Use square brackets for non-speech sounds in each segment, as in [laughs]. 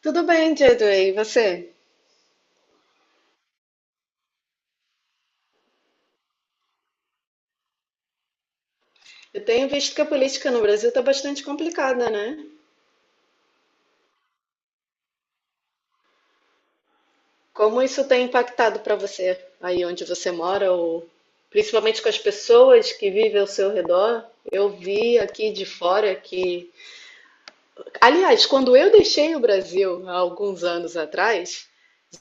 Tudo bem, Diego, e você? Eu tenho visto que a política no Brasil está bastante complicada, né? Como isso tem impactado para você aí onde você mora, ou principalmente com as pessoas que vivem ao seu redor? Eu vi aqui de fora que Aliás, quando eu deixei o Brasil há alguns anos atrás,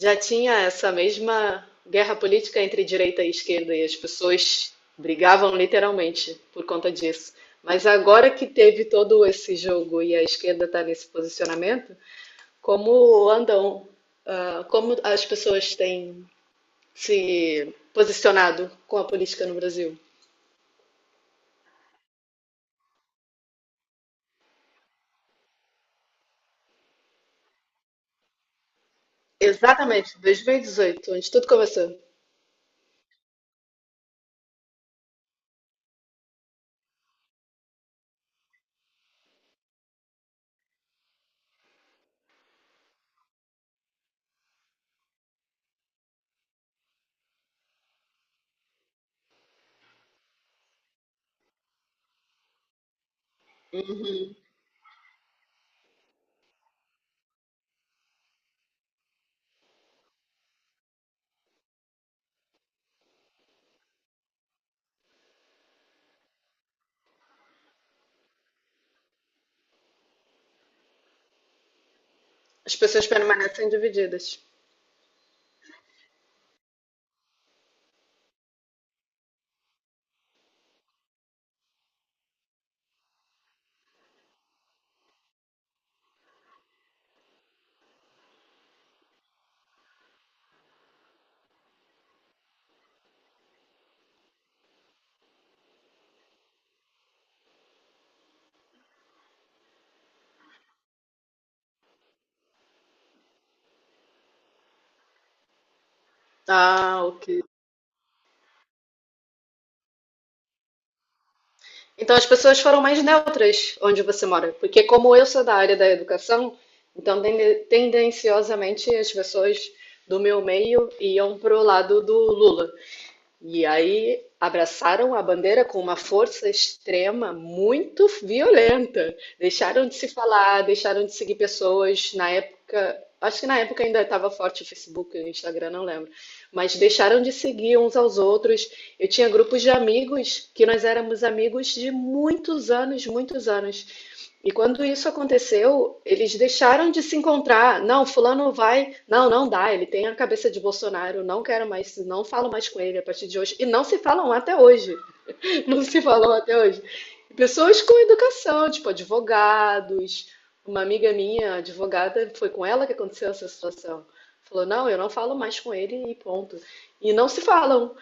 já tinha essa mesma guerra política entre direita e esquerda, e as pessoas brigavam literalmente por conta disso. Mas agora que teve todo esse jogo e a esquerda está nesse posicionamento, como andam, como as pessoas têm se posicionado com a política no Brasil? Exatamente, 2018, onde tudo começou. As pessoas permanecem divididas. Ah, ok. Então as pessoas foram mais neutras onde você mora, porque como eu sou da área da educação, então tendenciosamente as pessoas do meu meio iam pro lado do Lula. E aí abraçaram a bandeira com uma força extrema muito violenta. Deixaram de se falar, deixaram de seguir pessoas. Na época, acho que na época ainda estava forte o Facebook, o Instagram, não lembro. Mas deixaram de seguir uns aos outros. Eu tinha grupos de amigos que nós éramos amigos de muitos anos, muitos anos. E quando isso aconteceu, eles deixaram de se encontrar. Não, fulano vai. Não, não dá. Ele tem a cabeça de Bolsonaro. Não quero mais. Não falo mais com ele a partir de hoje. E não se falam até hoje. [laughs] Não se falam até hoje. Pessoas com educação, tipo advogados. Uma amiga minha, advogada, foi com ela que aconteceu essa situação. Falou, não, eu não falo mais com ele e ponto. E não se falam.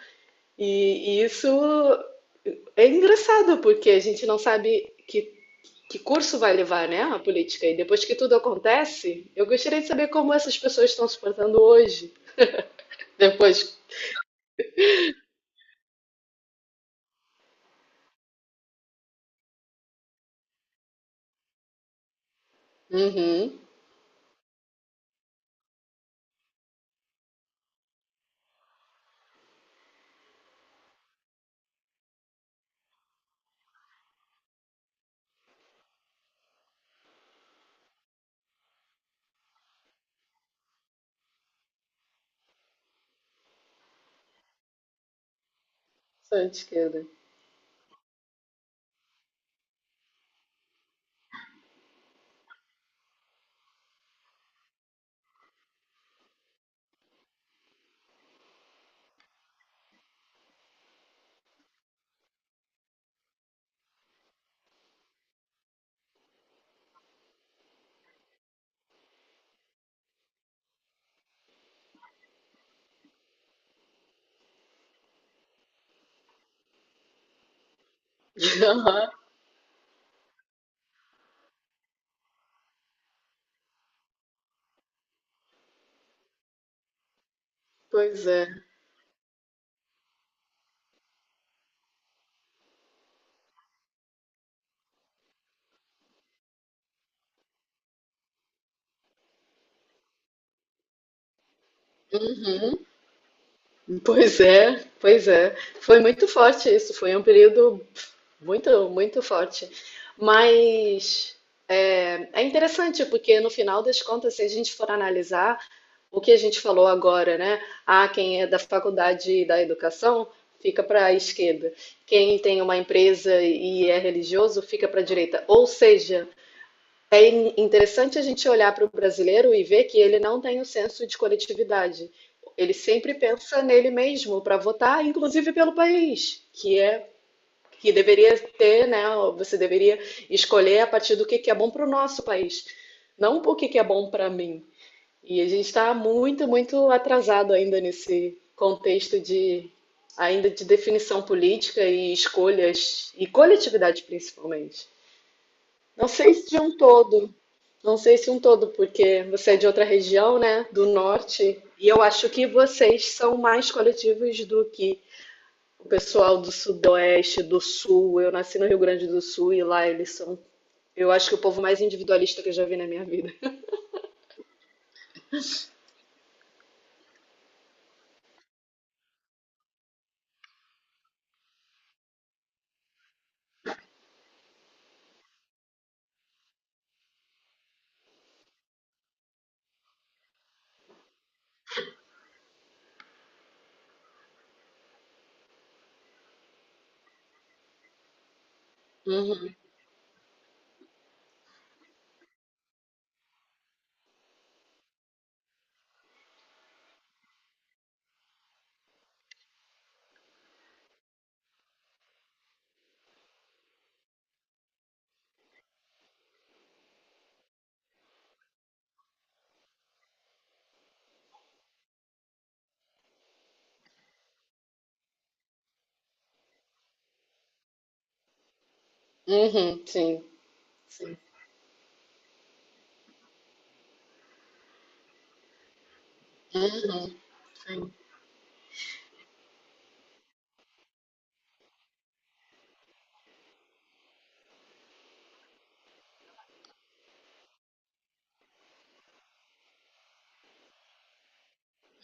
E isso é engraçado, porque a gente não sabe que curso vai levar, né, a política? E depois que tudo acontece, eu gostaria de saber como essas pessoas estão se portando hoje. Depois. Uhum. Sou de esquerda. [laughs] Aham. Pois é. Pois é. Pois é. Foi muito forte isso. Foi um período muito, muito forte. Mas é interessante, porque no final das contas, se a gente for analisar o que a gente falou agora, né? Ah, quem é da faculdade da educação fica para a esquerda. Quem tem uma empresa e é religioso fica para a direita. Ou seja, interessante a gente olhar para o brasileiro e ver que ele não tem o senso de coletividade. Ele sempre pensa nele mesmo para votar, inclusive pelo país, que é que deveria ter, né? Você deveria escolher a partir do que é bom para o nosso país, não o que, que é bom para mim. E a gente está muito, muito atrasado ainda nesse contexto de ainda de definição política e escolhas e coletividade principalmente. Não sei se de um todo, não sei se um todo, porque você é de outra região, né, do norte, e eu acho que vocês são mais coletivos do que o pessoal do Sudoeste, do Sul. Eu nasci no Rio Grande do Sul e lá eles são. Eu acho que o povo mais individualista que eu já vi na minha vida. Uhum, uhum, sim, sim.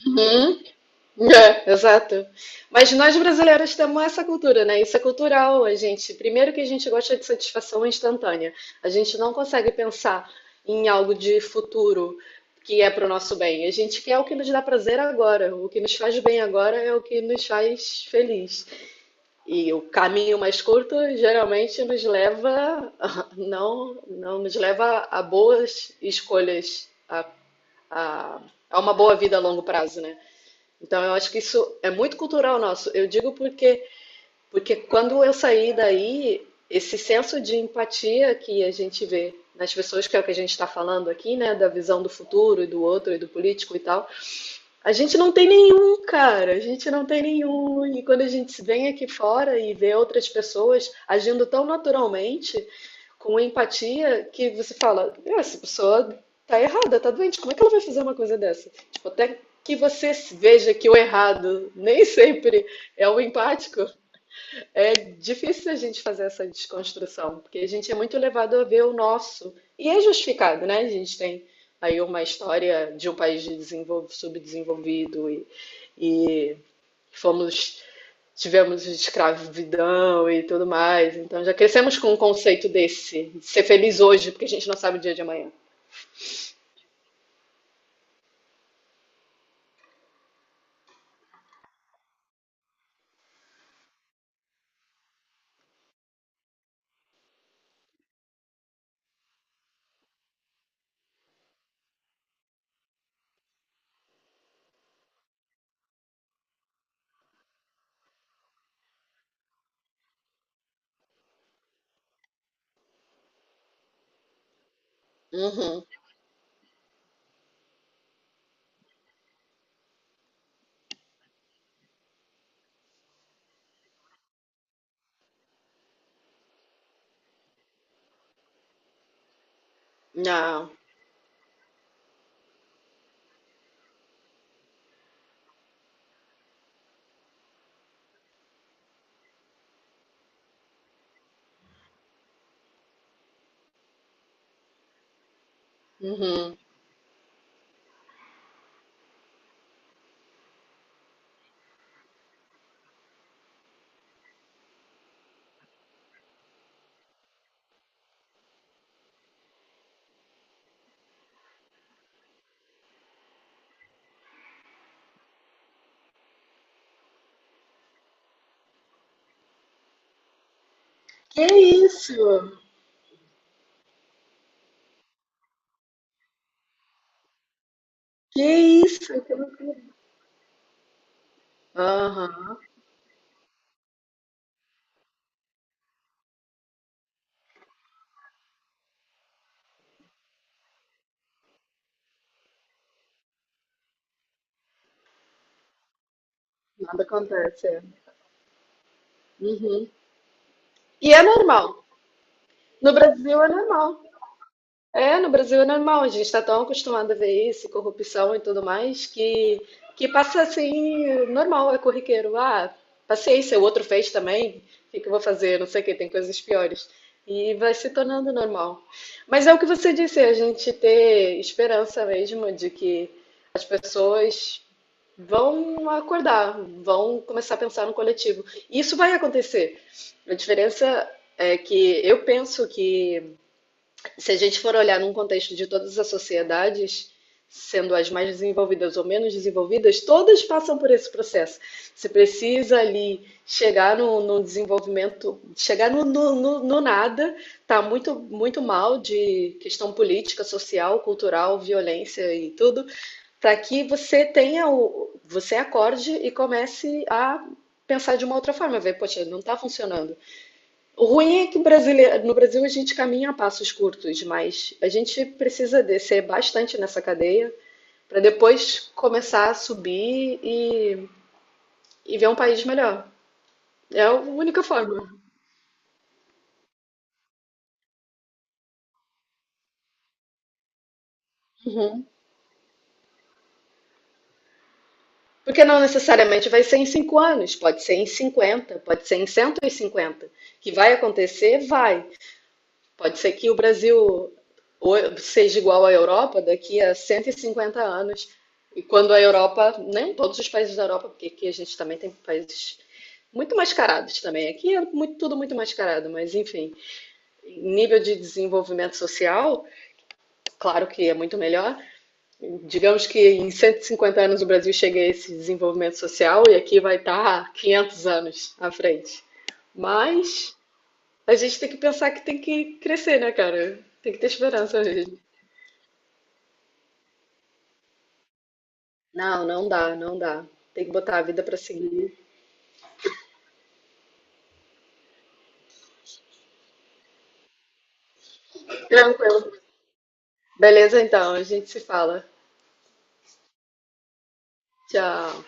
Uhum. É, exato. Mas nós brasileiros temos essa cultura, né? Isso é cultural, a gente. Primeiro que a gente gosta de satisfação instantânea. A gente não consegue pensar em algo de futuro que é para o nosso bem. A gente quer o que nos dá prazer agora. O que nos faz bem agora é o que nos faz feliz. E o caminho mais curto geralmente nos leva, [laughs] não, não nos leva a boas escolhas, a, a uma boa vida a longo prazo, né? Então eu acho que isso é muito cultural nosso. Eu digo porque quando eu saí daí, esse senso de empatia que a gente vê nas pessoas, que é o que a gente está falando aqui, né, da visão do futuro e do outro e do político e tal, a gente não tem nenhum, cara. A gente não tem nenhum. E quando a gente vem aqui fora e vê outras pessoas agindo tão naturalmente, com empatia, que você fala: "Ah, essa pessoa tá errada, tá doente. Como é que ela vai fazer uma coisa dessa? Tipo, até que você veja que o errado nem [laughs] sempre é o empático, é difícil a gente fazer essa desconstrução, porque a gente é muito levado a ver o nosso. E é justificado, né? A gente tem aí uma história de um país de subdesenvolvido e fomos, tivemos escravidão e tudo mais. Então já crescemos com um conceito desse, de ser feliz hoje, porque a gente não sabe o dia de amanhã. Uhum. Não. Uhum. Que isso? Que isso? Que loucura. Aham. Nada acontece. É. Uhum. E é normal. No Brasil é normal. É, no Brasil é normal. A gente está tão acostumado a ver isso, corrupção e tudo mais, que passa assim, normal, é corriqueiro. Ah, paciência, o outro fez também, o que que eu vou fazer? Não sei o que, tem coisas piores. E vai se tornando normal. Mas é o que você disse, a gente ter esperança mesmo de que as pessoas vão acordar, vão começar a pensar no coletivo. E isso vai acontecer. A diferença é que eu penso que se a gente for olhar num contexto de todas as sociedades, sendo as mais desenvolvidas ou menos desenvolvidas, todas passam por esse processo. Você precisa ali chegar no desenvolvimento, chegar no nada, tá muito, muito mal de questão política, social, cultural, violência e tudo, para que você tenha o, você acorde e comece a pensar de uma outra forma, ver, poxa, não está funcionando. O ruim é que o brasileiro, no Brasil a gente caminha a passos curtos, mas a gente precisa descer bastante nessa cadeia para depois começar a subir e ver um país melhor. É a única forma. Uhum. Porque não necessariamente vai ser em 5 anos, pode ser em 50, pode ser em 150. Que vai acontecer, vai. Pode ser que o Brasil seja igual à Europa daqui a 150 anos. E quando a Europa, né, todos os países da Europa, porque aqui a gente também tem países muito mascarados também. Aqui é muito, tudo muito mascarado, mas enfim, nível de desenvolvimento social, claro que é muito melhor. Digamos que em 150 anos o Brasil chegue a esse desenvolvimento social e aqui vai estar 500 anos à frente. Mas a gente tem que pensar que tem que crescer, né, cara? Tem que ter esperança. Não, não dá, não dá. Tem que botar a vida pra seguir. Tranquilo. Beleza, então, a gente se fala. Tchau.